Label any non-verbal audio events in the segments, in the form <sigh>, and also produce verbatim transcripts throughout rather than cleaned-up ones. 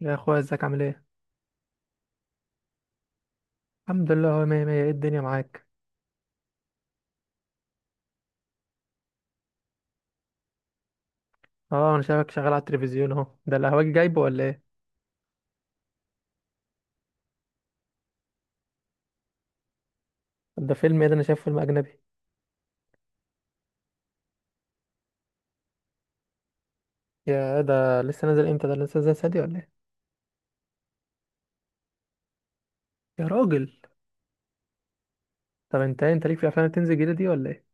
يا اخويا ازيك عامل ايه؟ الحمد لله، هو مية مية، ايه الدنيا معاك؟ اه، انا شايفك شغال على التلفزيون، اهو ده اللي هواك جايبه ولا ايه؟ طب ده فيلم ايه ده؟ انا شايف فيلم اجنبي. يا ده لسه نازل امتى؟ ده لسه نازل سادي ولا ايه؟ يا راجل. طب انت إيه؟ انت ليك في الافلام اللي بتنزل جديده دي ولا ايه؟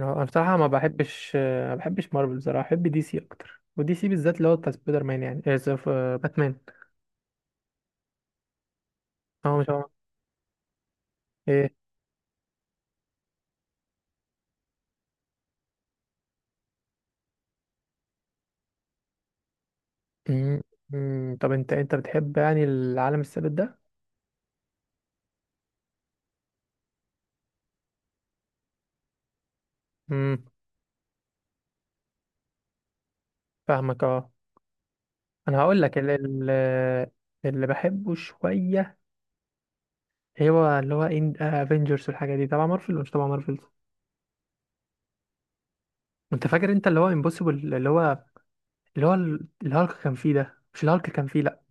اه، انا بصراحه ما بحبش، آه، ما بحبش مارفل بصراحه. بحب دي سي اكتر، ودي سي بالذات اللي هو بتاع سبايدر مان، يعني إيه، سف- آه، باتمان. هو مش هو؟ ايه. مم، مم، طب انت انت بتحب يعني العالم الثابت ده؟ امم. فاهمك، اه. انا هقول لك اللي, اللي بحبه شويه، هو اللي هو ان افنجرز والحاجه دي تبع مارفل ولا مش تبع مارفل. انت فاكر انت اللي هو امبوسيبل، اللي هو اللي هو ال- الهالك كان فيه؟ ده مش الهالك كان فيه، لا.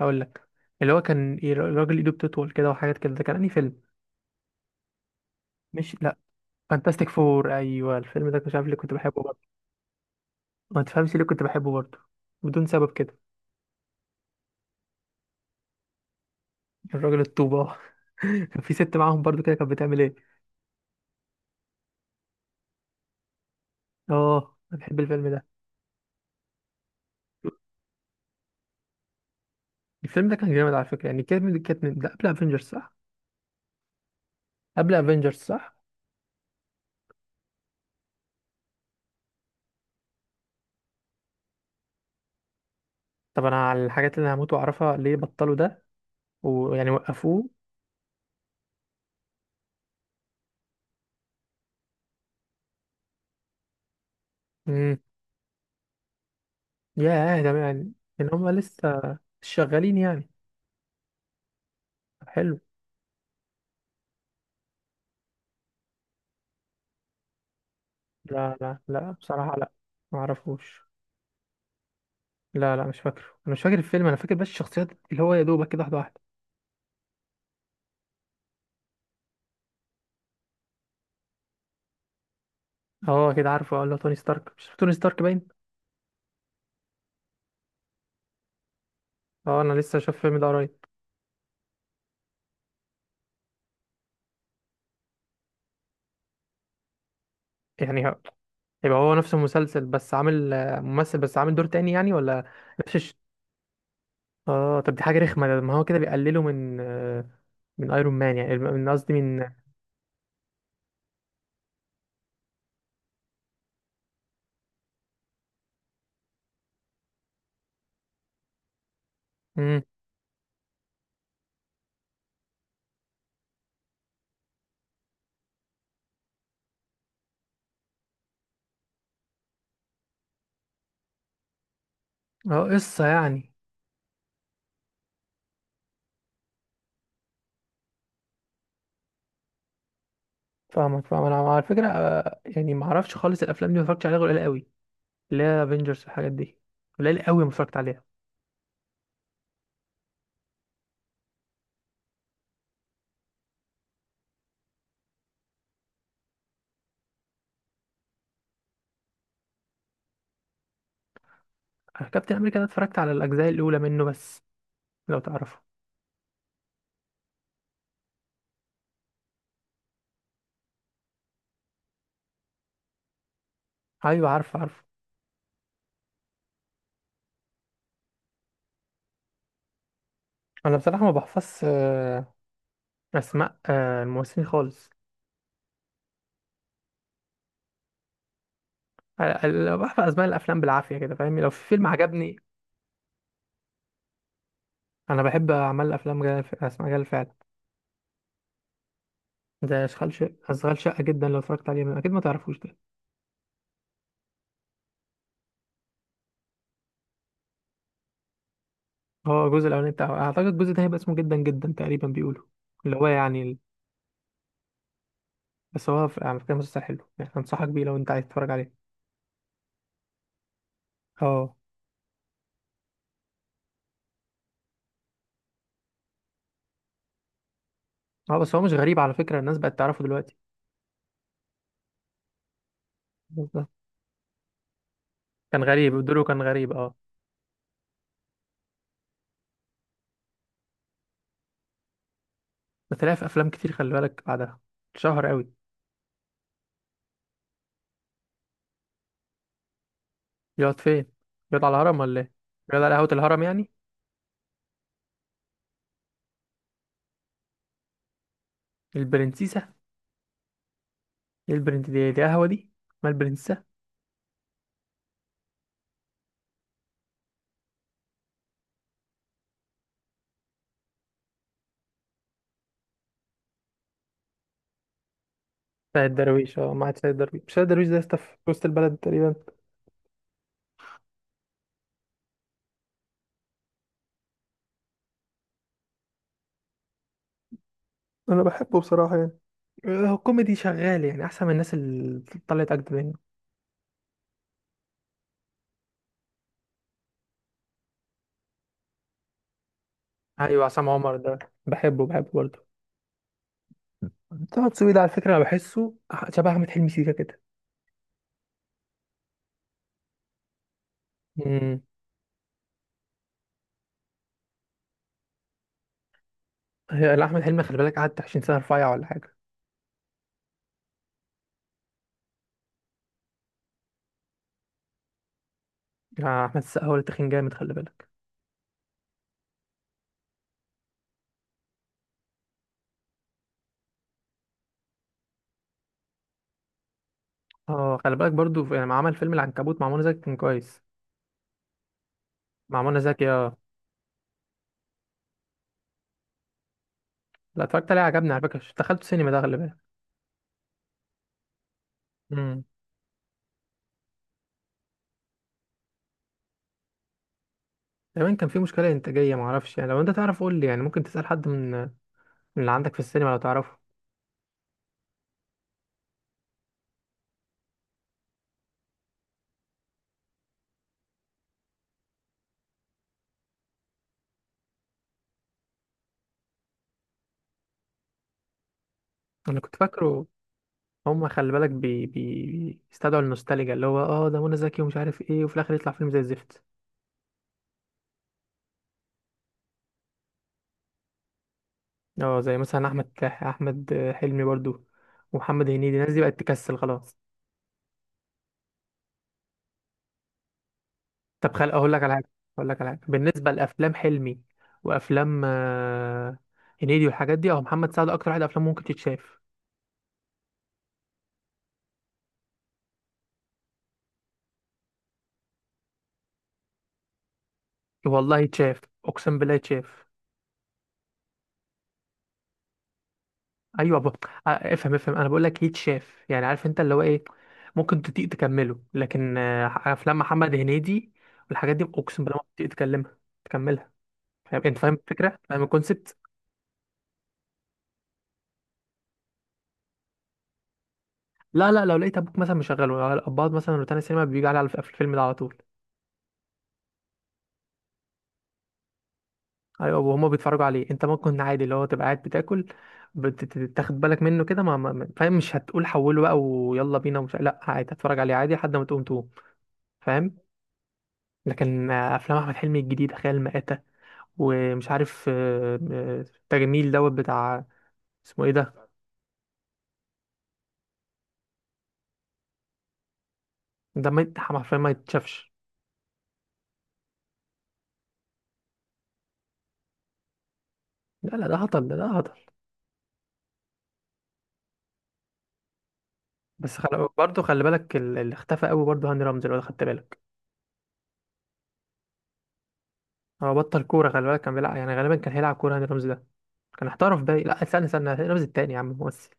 هقول لك. اللي هو كان إيه، الراجل ايده بتطول كده وحاجات كده، ده كان انهي فيلم؟ مش لا. فانتاستيك فور، ايوه. الفيلم ده مش عارف ليه كنت بحبه برضه. ما تفهمش ليه كنت بحبه برضه، بدون سبب كده. الراجل الطوبه <laughs> كان في ست معاهم برضه كده، كانت بتعمل ايه؟ اه، انا بحب الفيلم ده. الفيلم ده كان جامد على فكرة يعني. كانت من كانت من ده قبل افنجرز صح؟ قبل افنجرز صح؟ طب انا على الحاجات اللي انا هموت واعرفها، ليه بطلوا ده، ويعني وقفوه؟ امم. يا ده يعني ان هم لسه شغالين يعني؟ طب حلو. لا لا لا، بصراحة لا، ما اعرفوش. لا لا، مش فاكره، انا مش فاكر الفيلم، انا فاكر بس الشخصيات اللي هو يا دوبك كده، واحدة واحدة. اه كده عارفه، اه اللي هو توني ستارك. مش توني ستارك باين. اه انا لسه شايف الفيلم ده قريب. يعني ه- يبقى هو نفس المسلسل، بس عامل آه، ممثل، بس عامل دور تاني يعني ولا نفس؟ اه، طب دي حاجة رخمة. ده- ما هو كده بيقللوا من آه، من ايرون مان، يعني من، قصدي من. امم. اه، قصة يعني. فاهمك، فاهم. انا على فكرة آه، يعني ما اعرفش خالص الافلام دي، ما اتفرجتش عليها غير قليل قوي، اللي هي افنجرز والحاجات دي، قليل قوي ما اتفرجت عليها. أنا كابتن امريكا ده اتفرجت على الاجزاء الاولى منه بس، لو تعرفه. ايوه عارف عارف. انا بصراحة ما بحفظش، آه، اسماء آه، الممثلين خالص. ال- ال- بحفظ اسماء الافلام بالعافية كده فاهم، لو في فيلم عجبني. انا بحب اعمل افلام جايه، اسماء جايه. ده اشغال شقه، اشغال شقه جدا لو اتفرجت عليه، اكيد ما تعرفوش ده. هو الجزء الاولاني بتاعه، اعتقد الجزء ده هيبقى اسمه جدا جدا تقريبا بيقولوا. اللي هو يعني ال- بس هو في- على فكره مسلسل حلو يعني، انصحك بيه لو انت عايز تتفرج عليه. اه. اه، بس هو مش غريب على فكره، الناس بقت تعرفه دلوقتي. بالظبط. كان غريب دوره، كان غريب اه. بس طلع في افلام كتير خلي بالك بعدها، شهر قوي. بيقعد فين؟ بيقعد على الهرم ولا ايه؟ بيقعد على قهوه الهرم يعني؟ البرنسيسه؟ ايه البرنس دي؟ دي قهوه دي؟ ما البرنسيسه. سيد درويش، اه مع سيد درويش. مش سيد درويش ده يا اسطى في وسط البلد تقريبا؟ انا بحبه بصراحه يعني. آه، هو كوميدي شغال يعني، احسن من الناس اللي طلعت اجد منه. ايوه عصام عمر ده بحبه، بحبه برضه. طه دسوقي ده على فكره انا بحسه أح- شبه احمد حلمي سيكا كده. امم. هي لا، احمد حلمي خلي بالك قعد عشرين سنه رفيع ولا حاجه. يعني احمد السقا هو اللي تخين جامد خلي بالك. اه خلي بالك برضه في- يعني، ما عمل فيلم العنكبوت مع منى زكي كان كويس. مع منى زكي اه. لا، اتفرجت عليه عجبني على فكره، دخلت سينما ده خلي بالك. امم. كمان كان في مشكله انتاجيه معرفش، يعني لو انت تعرف قول لي يعني، ممكن تسال حد من من اللي عندك في السينما لو تعرفه. انا كنت فاكره. هم خلي بالك بي... بي... بيستدعوا النوستالجيا، اللي هو اه ده منى زكي ومش عارف ايه، وفي الاخر يطلع فيلم زي الزفت. اه زي مثلا احمد احمد حلمي برضو ومحمد هنيدي، الناس دي بقت تكسل خلاص. طب خل اقول لك على حاجه. اقول لك على حاجه بالنسبه لافلام حلمي وافلام آه، هنيدي والحاجات دي. اه، محمد سعد اكتر واحد افلامه ممكن تتشاف. والله يتشاف، اقسم بالله يتشاف. ايوه، ب... آه، افهم افهم. انا بقول لك يتشاف يعني، عارف انت اللي هو ايه، ممكن تطيق تكمله. لكن آه، افلام محمد هنيدي والحاجات دي اقسم بالله ما بتطيق تكلمها تكملها. فاهم انت؟ فاهم الفكره؟ فاهم الكونسبت؟ لا لا، لو لقيت ابوك مثلا مشغله الاباض مثلا، روتانا سينما بيجي على الف- الفيلم ده على طول. ايوه وهما بيتفرجوا عليه، انت ممكن عادي اللي هو تبقى قاعد بتاكل، بتاخد بالك منه كده، ما ما- ما- فاهم؟ مش هتقول حوله بقى ويلا بينا، ومش، لا عادي هتفرج عليه عادي لحد ما تقوم تقوم فاهم. لكن آه، افلام احمد حلمي الجديده خيال مآتة، ومش عارف آه، آه، التجميل دوت بتاع، اسمه ايه ده. ده ما يت- حرفيا ما يتشافش. لا لا ده هطل، ده ده هطل. بس خل... برضه خلي بالك ال- اللي اختفى قوي برضه هاني رمزي لو خدت بالك. هو بطل كوره خلي بالك، كان بيلعب يعني، غالبا كان هيلعب كوره هاني رمزي ده، كان احترف باي. لا استنى استنى، هاني رمزي التاني يا عم ممثل.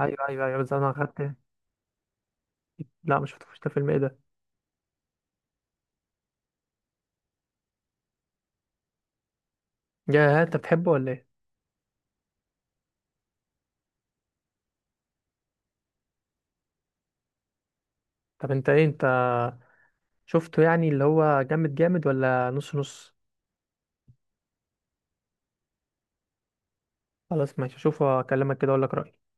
ايوه ايوه ايوه، بس انا خدت. لا ما شفتوش، ده فيلم ايه ده؟ يا انت بتحبه ولا ايه؟ طب انت ايه، انت شفته يعني اللي هو جامد جامد ولا نص نص؟ خلاص ماشي، اشوفه اكلمك كده اقول لك رأيي.